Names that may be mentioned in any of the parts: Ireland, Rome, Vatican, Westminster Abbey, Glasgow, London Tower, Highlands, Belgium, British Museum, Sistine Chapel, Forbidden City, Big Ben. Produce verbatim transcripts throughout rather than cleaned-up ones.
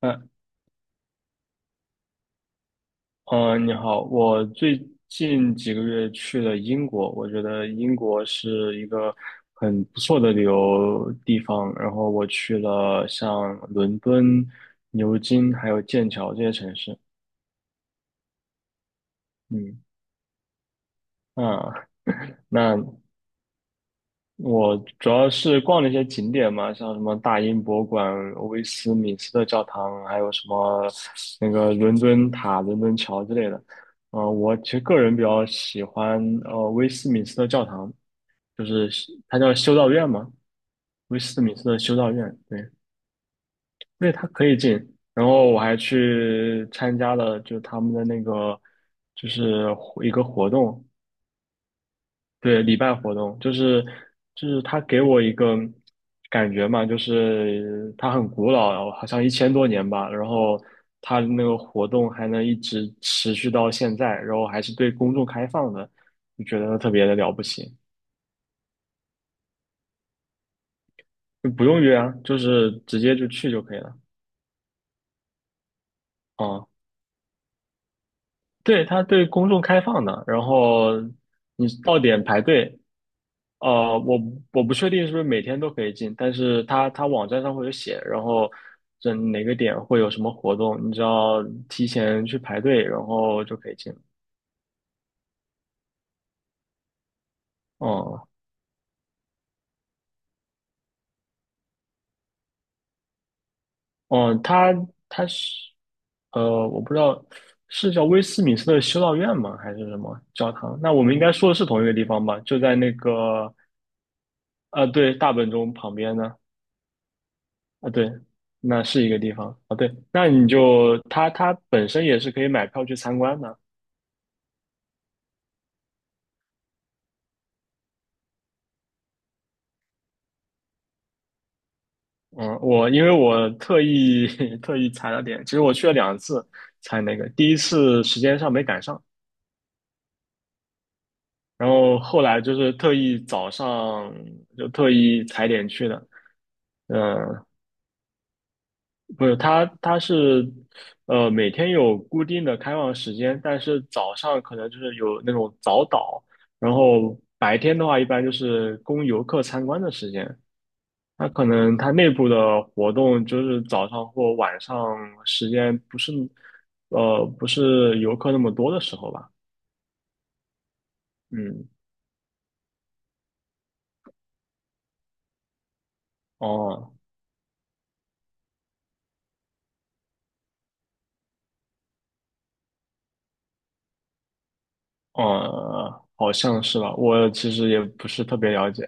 嗯呃，你好，我最近几个月去了英国，我觉得英国是一个很不错的旅游地方。然后我去了像伦敦、牛津还有剑桥这些城市。嗯，啊，那我主要是逛了一些景点嘛，像什么大英博物馆、威斯敏斯特教堂，还有什么那个伦敦塔、伦敦桥之类的。呃，我其实个人比较喜欢呃威斯敏斯特教堂，就是它叫修道院嘛，威斯敏斯特修道院，对，因为它可以进。然后我还去参加了就他们的那个就是一个活动，对，礼拜活动就是就是他给我一个感觉嘛，就是它很古老，好像一千多年吧，然后它那个活动还能一直持续到现在，然后还是对公众开放的，就觉得特别的了不起，就不用约啊，就是直接就去就可以了。啊，对，它对公众开放的，然后你到点排队，呃，我我不确定是不是每天都可以进，但是它它网站上会有写，然后这哪个点会有什么活动，你只要提前去排队，然后就可以进。哦、哦、它它是呃，我不知道是叫威斯敏斯特修道院吗，还是什么教堂？那我们应该说的是同一个地方吧？就在那个呃，对，大本钟旁边呢。啊，对，那是一个地方啊。对，那你就它它本身也是可以买票去参观的。嗯，我因为我特意 特意踩了点，其实我去了两次才那个，第一次时间上没赶上，然后后来就是特意早上就特意踩点去的。嗯，不是，它它是呃每天有固定的开放时间，但是早上可能就是有那种早岛，然后白天的话一般就是供游客参观的时间。它可能它内部的活动就是早上或晚上时间不是，呃，不是游客那么多的时候吧？嗯，哦，呃，好像是吧。我其实也不是特别了解，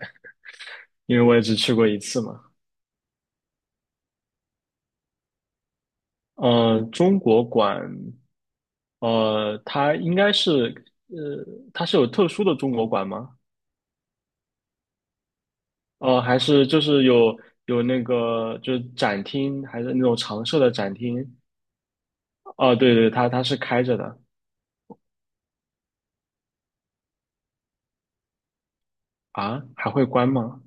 因为我也只去过一次嘛。呃，中国馆，呃，它应该是，呃，它是有特殊的中国馆吗？呃，还是就是有有那个就是展厅，还是那种常设的展厅？哦，对对，它它是开着的。啊，还会关吗？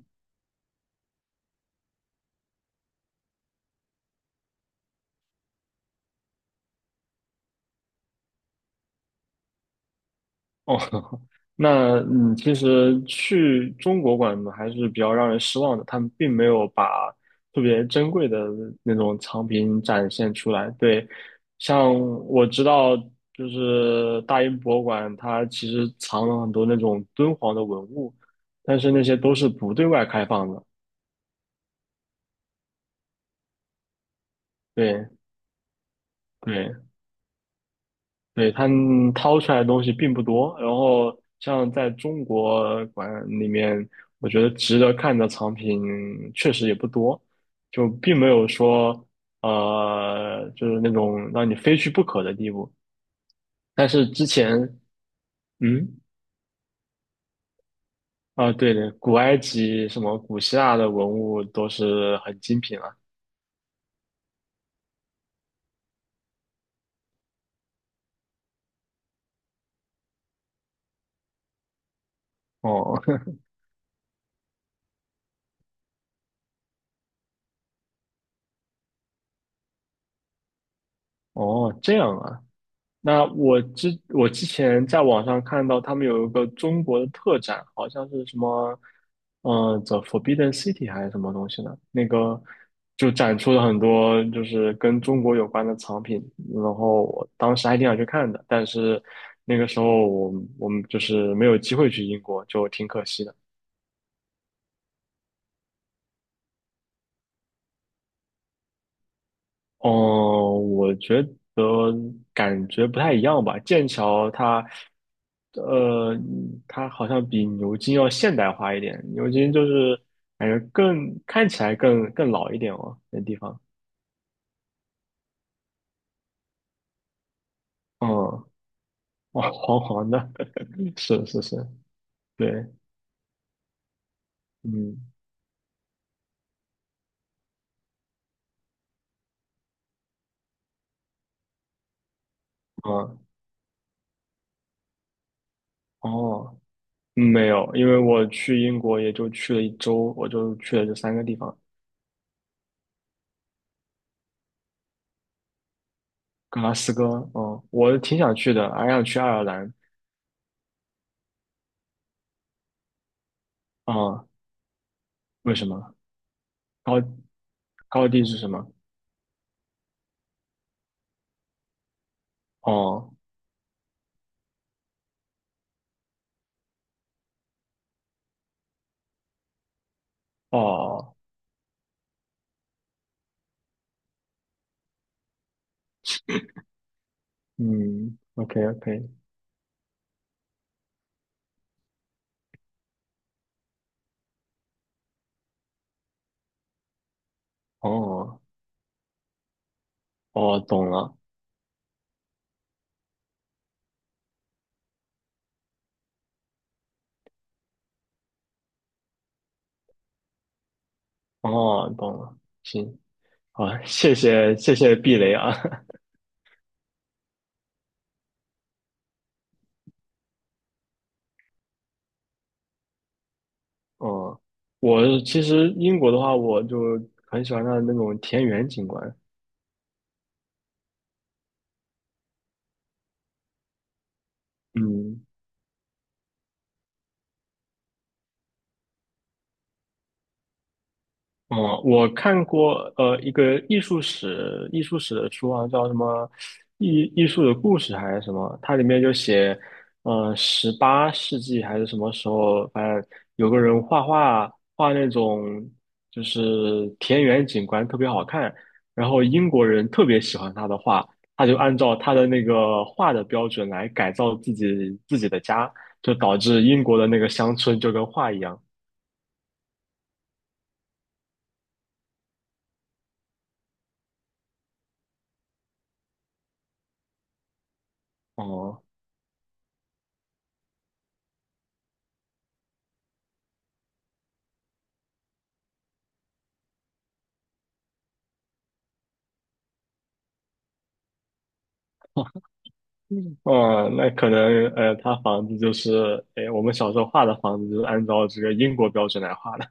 哦，那嗯，其实去中国馆呢还是比较让人失望的，他们并没有把特别珍贵的那种藏品展现出来。对，像我知道，就是大英博物馆，它其实藏了很多那种敦煌的文物，但是那些都是不对外开放的。对对，对，他们掏出来的东西并不多，然后像在中国馆里面，我觉得值得看的藏品确实也不多，就并没有说呃，就是那种让你非去不可的地步。但是之前，嗯，啊，对对，古埃及什么古希腊的文物都是很精品了。哦 哦，这样啊。那我之我之前在网上看到他们有一个中国的特展，好像是什么，嗯、t h e Forbidden City 还是什么东西呢？那个就展出了很多就是跟中国有关的藏品，然后我当时还挺想去看的，但是那个时候我我们就是没有机会去英国，就挺可惜的。哦，我觉得感觉不太一样吧。剑桥它，呃，它好像比牛津要现代化一点。牛津就是感觉更看起来更更老一点哦，那地方。嗯，哦，黄黄的，是是是，对，嗯，嗯，哦，嗯没有，因为我去英国也就去了一周，我就去了这三个地方，格拉斯哥，嗯，我挺想去的，还想去爱尔兰，啊、为什么？然后。高地是什么？哦哦，嗯，OK OK，哦哦，懂了，哦懂了，行，好，谢谢谢谢避雷啊，哦，我其实英国的话，我就很喜欢它的那种田园景观，嗯，哦，我看过呃一个艺术史艺术史的书啊，叫什么艺艺术的故事还是什么？它里面就写，呃，十八世纪还是什么时候，反正有个人画画画那种就是田园景观特别好看，然后英国人特别喜欢他的画，他就按照他的那个画的标准来改造自己自己的家，就导致英国的那个乡村就跟画一样。哦、哦，那可能呃，他房子就是，哎，我们小时候画的房子就是按照这个英国标准来画的。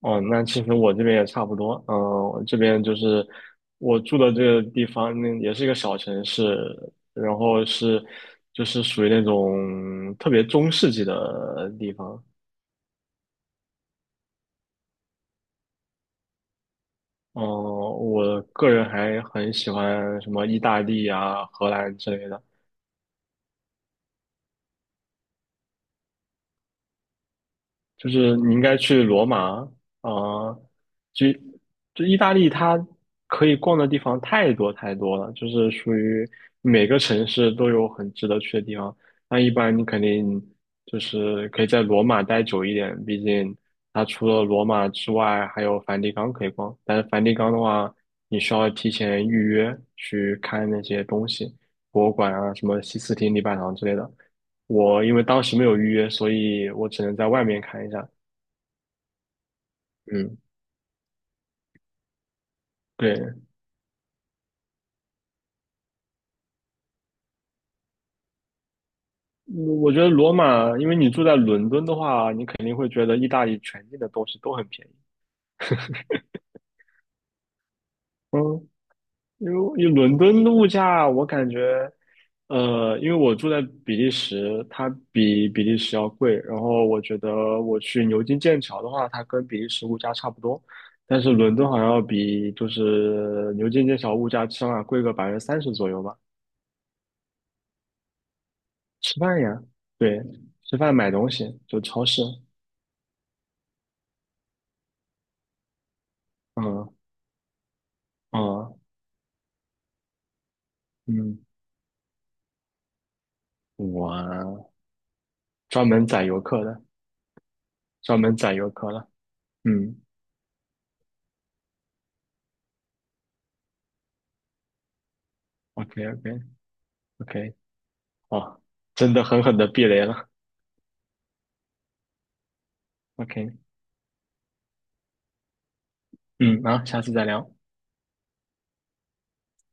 哦，那其实我这边也差不多。嗯，我这边就是我住的这个地方，那也是一个小城市，然后是就是属于那种特别中世纪的地方。嗯，我个人还很喜欢什么意大利啊、荷兰之类的。就是你应该去罗马啊，呃就就意大利，它可以逛的地方太多太多了，就是属于每个城市都有很值得去的地方。那一般你肯定就是可以在罗马待久一点，毕竟它除了罗马之外还有梵蒂冈可以逛。但是梵蒂冈的话，你需要提前预约去看那些东西，博物馆啊，什么西斯廷礼拜堂之类的。我因为当时没有预约，所以我只能在外面看一下。嗯，对，嗯我觉得罗马，因为你住在伦敦的话，你肯定会觉得意大利全境的东西都很便宜。嗯，因为因为伦敦的物价，我感觉，呃，因为我住在比利时，它比比利时要贵。然后我觉得我去牛津、剑桥的话，它跟比利时物价差不多，但是伦敦好像要比就是牛津、剑桥物价起码贵个百分之三十左右吧。吃饭呀，对，吃饭买东西就超市，嗯嗯。嗯，哇，专门宰游客的，专门宰游客了。嗯，OK OK OK，哦，真的狠狠的避雷了。OK，嗯，好，下次再聊。